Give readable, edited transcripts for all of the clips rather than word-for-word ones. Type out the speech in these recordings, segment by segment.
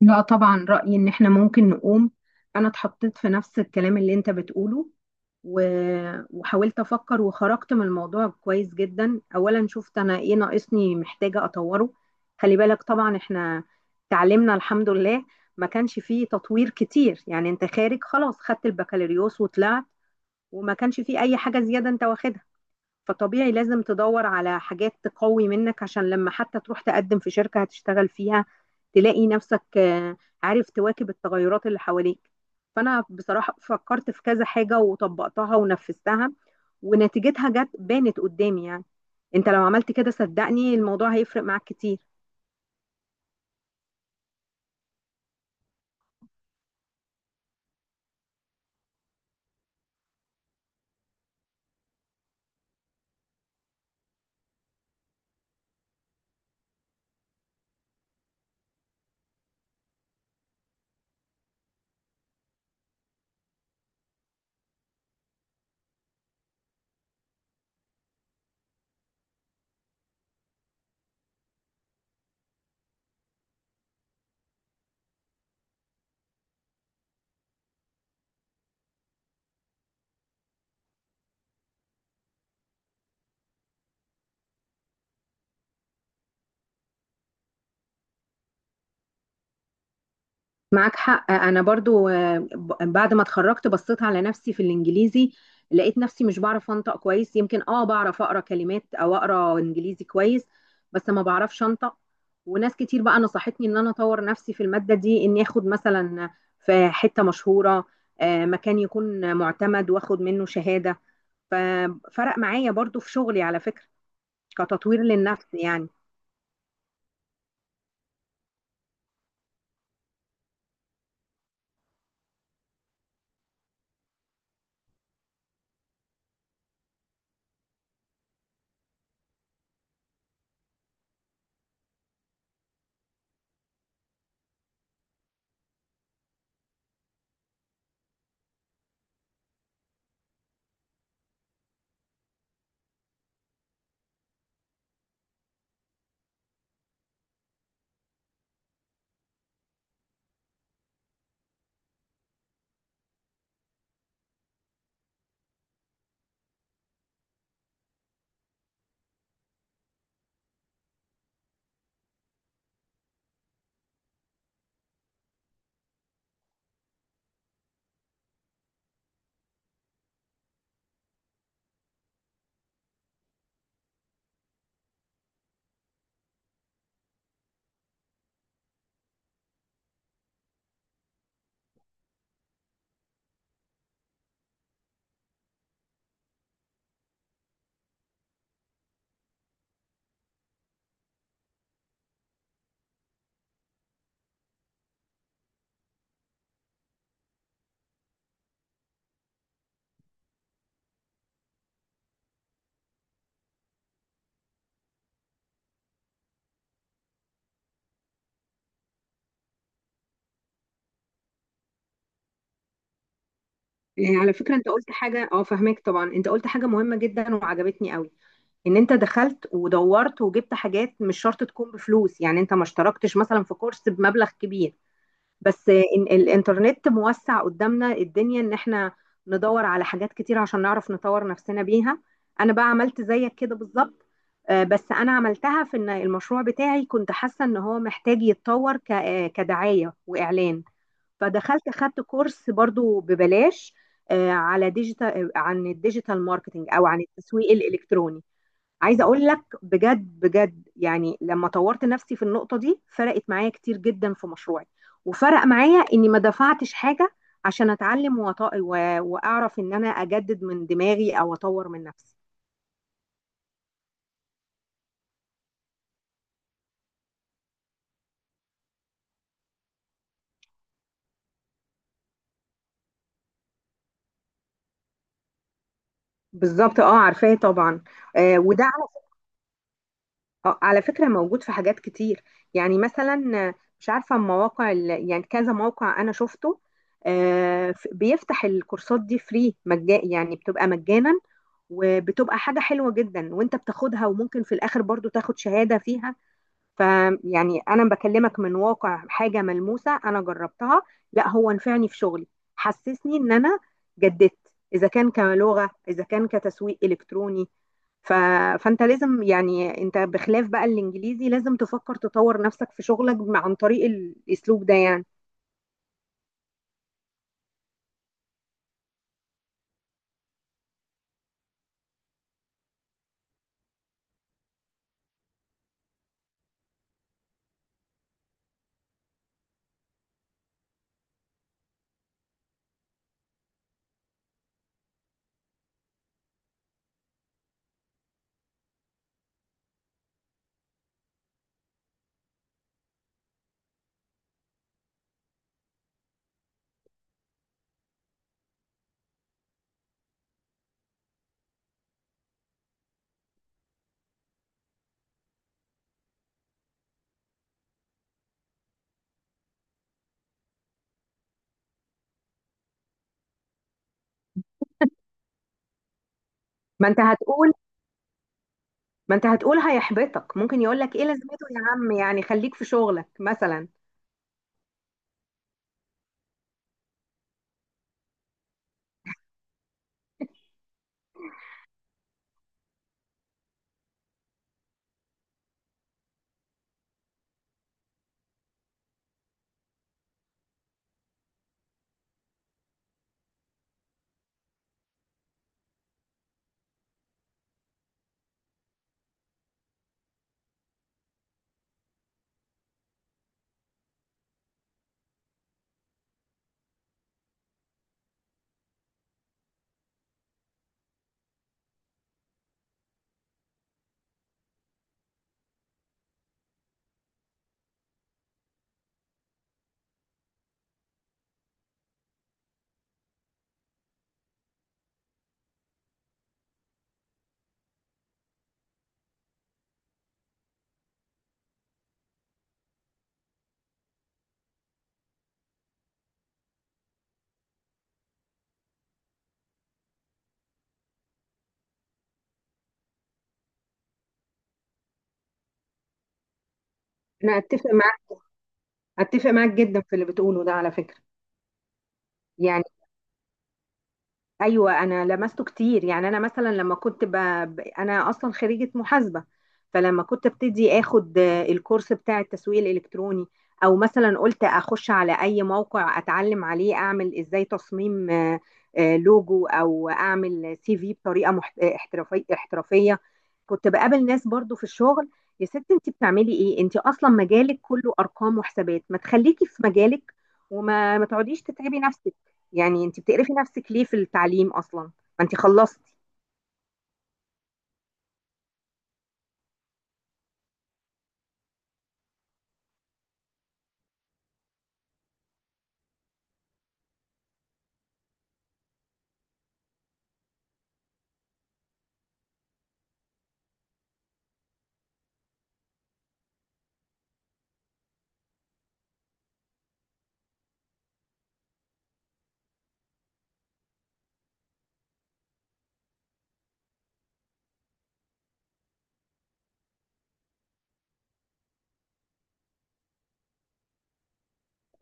لا، طبعا رأيي ان احنا ممكن نقوم. انا اتحطيت في نفس الكلام اللي انت بتقوله و... وحاولت افكر وخرجت من الموضوع كويس جدا. اولا شفت انا ايه ناقصني، محتاجة اطوره. خلي بالك، طبعا احنا تعلمنا الحمد لله، ما كانش فيه تطوير كتير، يعني انت خارج خلاص، خدت البكالوريوس وطلعت، وما كانش فيه اي حاجة زيادة انت واخدها. فطبيعي لازم تدور على حاجات تقوي منك، عشان لما حتى تروح تقدم في شركة هتشتغل فيها تلاقي نفسك عارف تواكب التغيرات اللي حواليك. فأنا بصراحة فكرت في كذا حاجة وطبقتها ونفذتها، ونتيجتها جت بانت قدامي يعني. انت لو عملت كده صدقني الموضوع هيفرق معاك كتير. معاك حق، انا برضو بعد ما اتخرجت بصيت على نفسي في الانجليزي، لقيت نفسي مش بعرف انطق كويس، يمكن بعرف اقرا كلمات او اقرا انجليزي كويس، بس ما بعرفش انطق. وناس كتير بقى نصحتني ان انا اطور نفسي في المادة دي، اني اخد مثلا في حتة مشهورة، مكان يكون معتمد واخد منه شهادة. ففرق معايا برضو في شغلي على فكرة، كتطوير للنفس يعني. يعني على فكرة انت قلت حاجة، اه فهمك طبعا، انت قلت حاجة مهمة جدا وعجبتني قوي، ان انت دخلت ودورت وجبت حاجات مش شرط تكون بفلوس، يعني انت ما اشتركتش مثلا في كورس بمبلغ كبير، بس إن الانترنت موسع قدامنا الدنيا، ان احنا ندور على حاجات كتير عشان نعرف نطور نفسنا بيها. انا بقى عملت زيك كده بالظبط. بس انا عملتها في ان المشروع بتاعي كنت حاسة ان هو محتاج يتطور كدعاية واعلان. فدخلت خدت كورس برضو ببلاش، على ديجيتال، عن الديجيتال ماركتينج، او عن التسويق الالكتروني. عايزه اقول لك بجد بجد، يعني لما طورت نفسي في النقطه دي فرقت معايا كتير جدا في مشروعي، وفرق معايا اني ما دفعتش حاجه عشان اتعلم واعرف ان انا اجدد من دماغي او اطور من نفسي. بالظبط، اه، عارفاه طبعا. آه وده، اه على فكرة موجود في حاجات كتير. يعني مثلا مش عارفة مواقع يعني كذا موقع أنا شفته، بيفتح الكورسات دي فري مجانا، يعني بتبقى مجانا، وبتبقى حاجة حلوة جدا وانت بتاخدها، وممكن في الآخر برضو تاخد شهادة فيها. فيعني أنا بكلمك من واقع حاجة ملموسة أنا جربتها. لا، هو نفعني في شغلي، حسسني إن أنا جددت، إذا كان كلغة إذا كان كتسويق إلكتروني. ف... فانت لازم، يعني انت بخلاف بقى الانجليزي لازم تفكر تطور نفسك في شغلك عن طريق الاسلوب ده يعني. ما انت هتقول ما انت هتقول هيحبطك، ممكن يقول لك ايه لازمته يا عم، يعني خليك في شغلك مثلا. انا اتفق معاك. اتفق معاك جدا في اللي بتقوله ده، على فكرة. يعني ايوه، انا لمسته كتير، يعني انا مثلا لما كنت انا اصلا خريجه محاسبه. فلما كنت ابتدي اخد الكورس بتاع التسويق الالكتروني، او مثلا قلت اخش على اي موقع اتعلم عليه اعمل ازاي تصميم لوجو، او اعمل سي في بطريقه احترافيه احترافيه، كنت بقابل ناس برضو في الشغل: يا ست انت بتعملي ايه؟ انت اصلا مجالك كله ارقام وحسابات، ما تخليكي في مجالك، وما ما تقعديش تتعبي نفسك، يعني انت بتقرفي نفسك ليه في التعليم اصلا، ما انت خلصتي.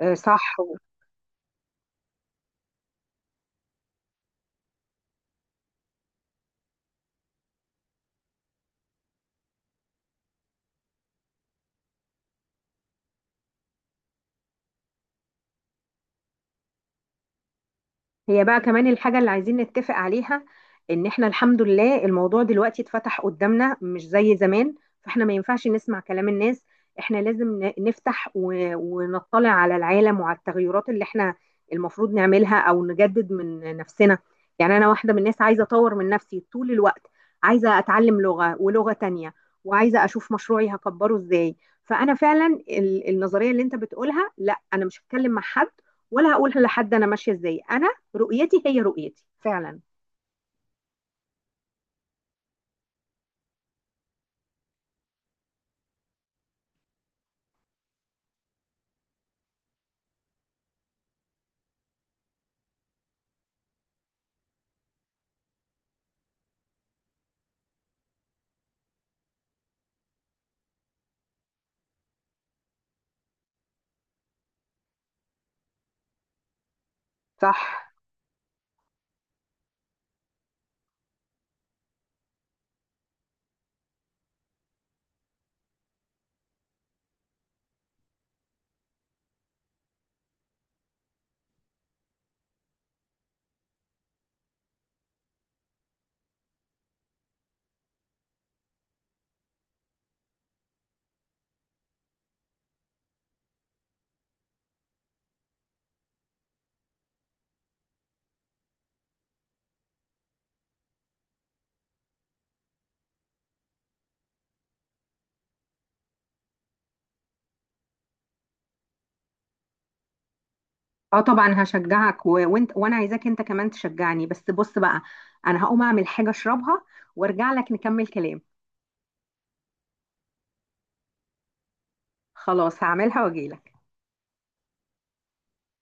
آه، صح. هي بقى كمان الحاجة اللي عايزين نتفق عليها، ان احنا الحمد لله الموضوع دلوقتي اتفتح قدامنا، مش زي زمان. فاحنا ما ينفعش نسمع كلام الناس، احنا لازم نفتح ونطلع على العالم وعلى التغيرات اللي احنا المفروض نعملها او نجدد من نفسنا. يعني انا واحدة من الناس، عايزة اطور من نفسي طول الوقت، عايزة اتعلم لغة ولغة تانية، وعايزة اشوف مشروعي هكبره ازاي. فانا فعلا النظرية اللي انت بتقولها، لا انا مش هتكلم مع حد، ولا هقول لحد انا ماشيه ازاي، انا رؤيتي هي رؤيتي فعلا. صح. اه طبعا هشجعك وانت، وانا عايزاك انت كمان تشجعني، بس بص بقى، انا هقوم اعمل حاجة اشربها وارجع لك نكمل كلام. خلاص هعملها واجيلك.